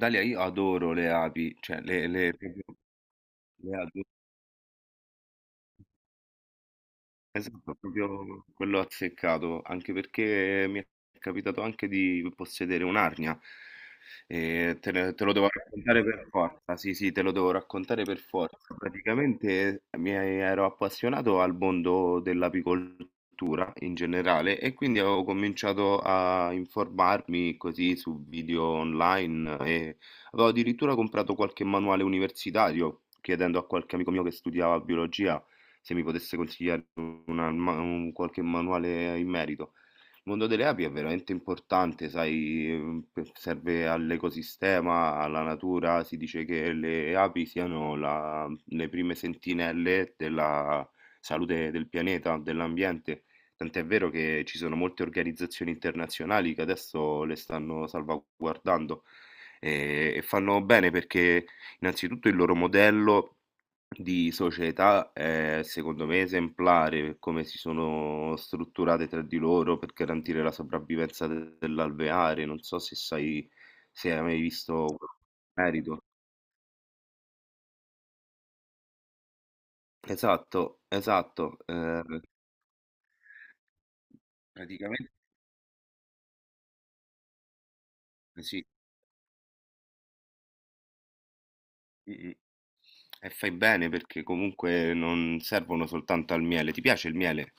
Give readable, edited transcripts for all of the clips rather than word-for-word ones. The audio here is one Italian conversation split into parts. Dalia, io adoro le api, cioè le adoro. Esatto, proprio quello azzeccato, anche perché mi è capitato anche di possedere un'arnia. E te, te lo devo raccontare per forza, sì, sì, te lo devo raccontare per forza. Praticamente mi ero appassionato al mondo dell'apicoltura in generale e quindi ho cominciato a informarmi così su video online e avevo addirittura comprato qualche manuale universitario chiedendo a qualche amico mio che studiava biologia se mi potesse consigliare un qualche manuale in merito. Il mondo delle api è veramente importante, sai, serve all'ecosistema, alla natura. Si dice che le api siano le prime sentinelle della salute del pianeta, dell'ambiente. Tant'è vero che ci sono molte organizzazioni internazionali che adesso le stanno salvaguardando e fanno bene perché innanzitutto il loro modello di società è secondo me esemplare per come si sono strutturate tra di loro per garantire la sopravvivenza dell'alveare. Non so se sai, se hai mai visto questo merito. Esatto, esatto. Praticamente sì. Mm, mm. E fai bene perché comunque non servono soltanto al miele. Ti piace il miele?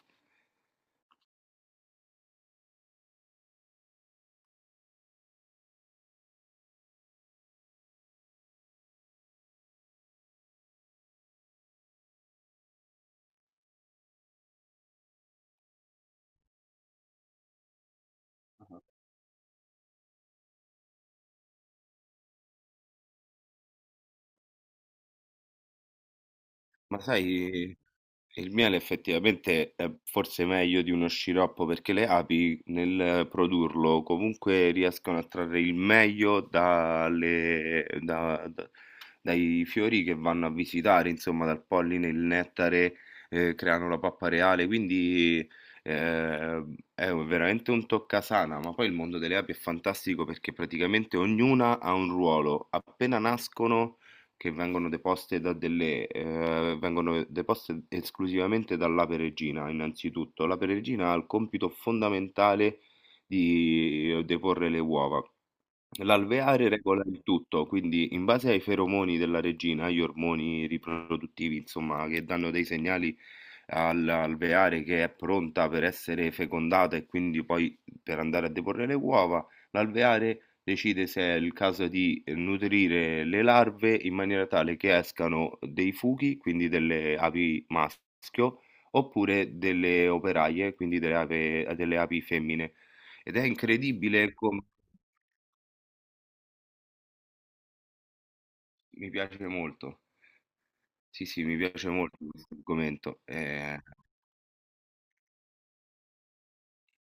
Ma sai. Il miele effettivamente è forse meglio di uno sciroppo perché le api nel produrlo comunque riescono a trarre il meglio dai fiori che vanno a visitare, insomma dal polline, il nettare, creano la pappa reale, quindi eh, è veramente un toccasana, ma poi il mondo delle api è fantastico perché praticamente ognuna ha un ruolo, appena nascono che vengono deposte da vengono deposte esclusivamente dall'ape regina, innanzitutto. L'ape regina ha il compito fondamentale di deporre le uova. L'alveare regola il tutto, quindi in base ai feromoni della regina, agli ormoni riproduttivi, insomma, che danno dei segnali all'alveare che è pronta per essere fecondata e quindi poi per andare a deporre le uova, l'alveare decide se è il caso di nutrire le larve in maniera tale che escano dei fughi, quindi delle api maschio, oppure delle operaie, quindi delle api femmine. Ed è incredibile come... Mi piace molto. Sì, sì, mi piace molto questo argomento. Eh,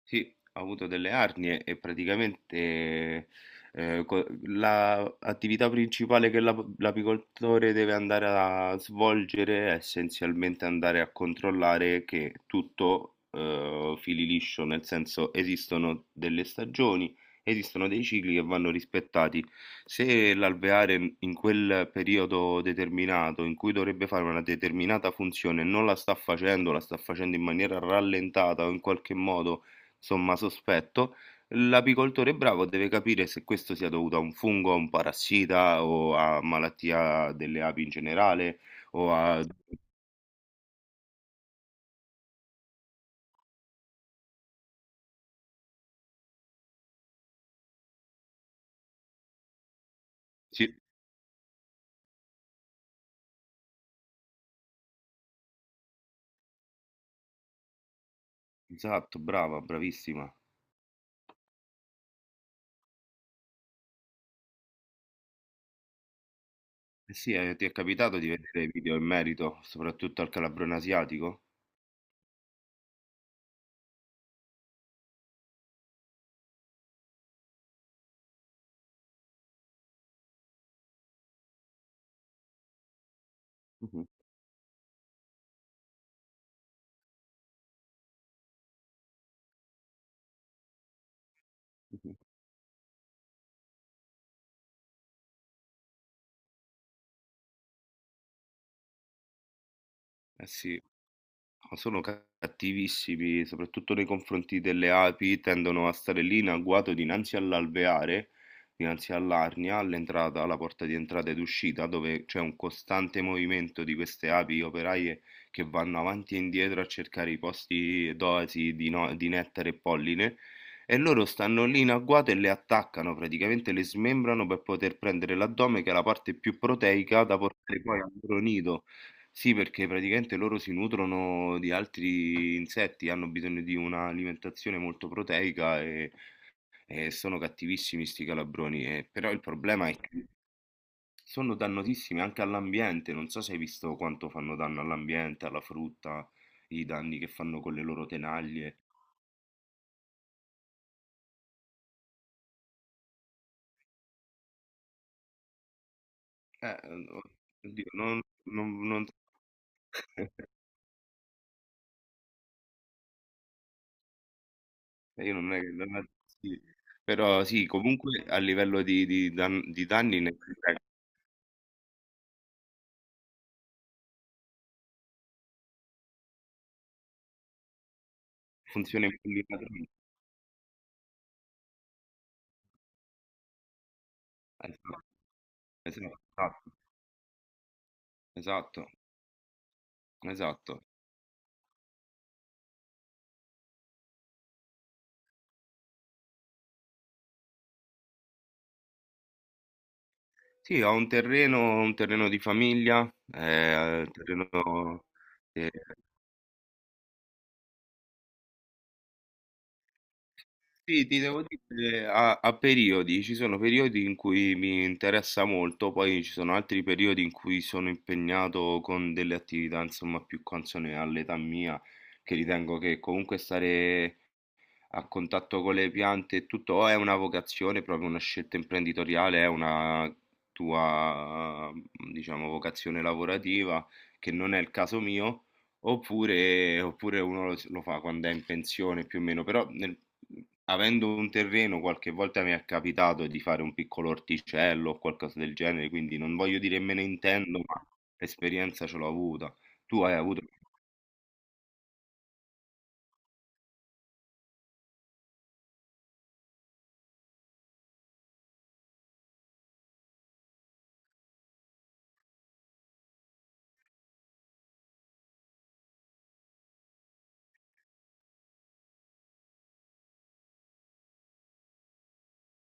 sì, ho avuto delle arnie e praticamente la attività principale che l'apicoltore deve andare a svolgere è essenzialmente andare a controllare che tutto fili liscio, nel senso esistono delle stagioni, esistono dei cicli che vanno rispettati. Se l'alveare in quel periodo determinato in cui dovrebbe fare una determinata funzione non la sta facendo, la sta facendo in maniera rallentata o in qualche modo somma sospetto, l'apicoltore bravo deve capire se questo sia dovuto a un fungo, a un parassita o a malattia delle api in generale o a... Sì, esatto, brava, bravissima. Eh sì, ti è capitato di vedere video in merito, soprattutto al calabrone asiatico? Mhm, mhm. Eh sì. No, sono cattivissimi, soprattutto nei confronti delle api, tendono a stare lì in agguato dinanzi all'alveare, dinanzi all'arnia, all'entrata, alla porta di entrata ed uscita, dove c'è un costante movimento di queste api operaie che vanno avanti e indietro a cercare i posti dosi di, di nettare e polline. E loro stanno lì in agguato e le attaccano, praticamente le smembrano per poter prendere l'addome, che è la parte più proteica da portare poi al loro nido. Sì, perché praticamente loro si nutrono di altri insetti, hanno bisogno di un'alimentazione molto proteica e sono cattivissimi sti calabroni. Però il problema è che sono dannosissimi anche all'ambiente. Non so se hai visto quanto fanno danno all'ambiente, alla frutta, i danni che fanno con le loro tenaglie. Eh, oddio, io non è che... non è- sì. Però sì, comunque a livello di, di danni eh, funziona in maniera- esatto, esatto, esatto. Sì, ho un terreno di famiglia, terreno ehm, sì, ti devo dire a a periodi, ci sono periodi in cui mi interessa molto, poi ci sono altri periodi in cui sono impegnato con delle attività, insomma, più consone all'età mia, che ritengo che comunque stare a contatto con le piante e tutto, o è una vocazione, proprio una scelta imprenditoriale, è una tua, diciamo, vocazione lavorativa, che non è il caso mio, oppure, oppure uno lo, lo fa quando è in pensione più o meno, avendo un terreno qualche volta mi è capitato di fare un piccolo orticello o qualcosa del genere, quindi non voglio dire me ne intendo, ma l'esperienza ce l'ho avuta. Tu hai avuto...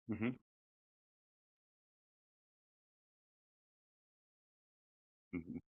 Mhm, mhm.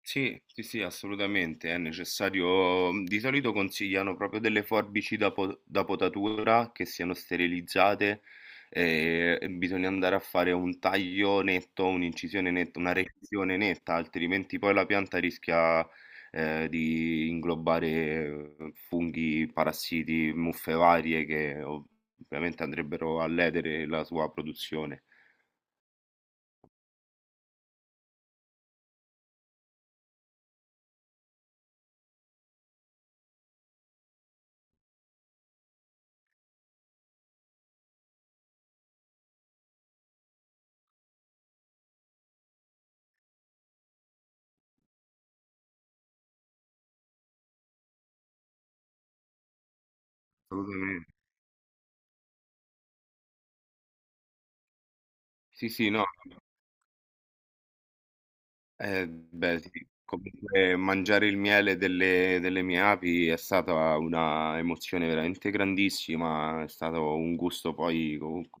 Sì, sì, sì, assolutamente, è necessario. Mhmm, di solito consigliano proprio delle forbici da potatura che siano sterilizzate e bisogna andare a fare un taglio netto, un'incisione netta, una recisione netta, altrimenti poi la pianta rischia di inglobare funghi, parassiti, muffe varie che ovviamente andrebbero a ledere la sua produzione. Assolutamente. Sì, sì, no. Beh, sì. Comunque mangiare il miele delle mie api è stata una emozione veramente grandissima, è stato un gusto poi comunque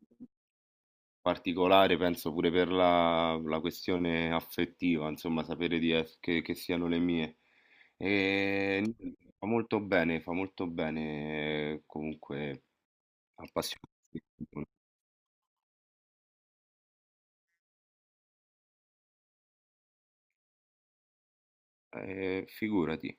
particolare, penso pure per la, la questione affettiva, insomma, sapere di che siano le mie. E niente, fa molto bene, fa molto bene comunque appassionarsi. Figurati.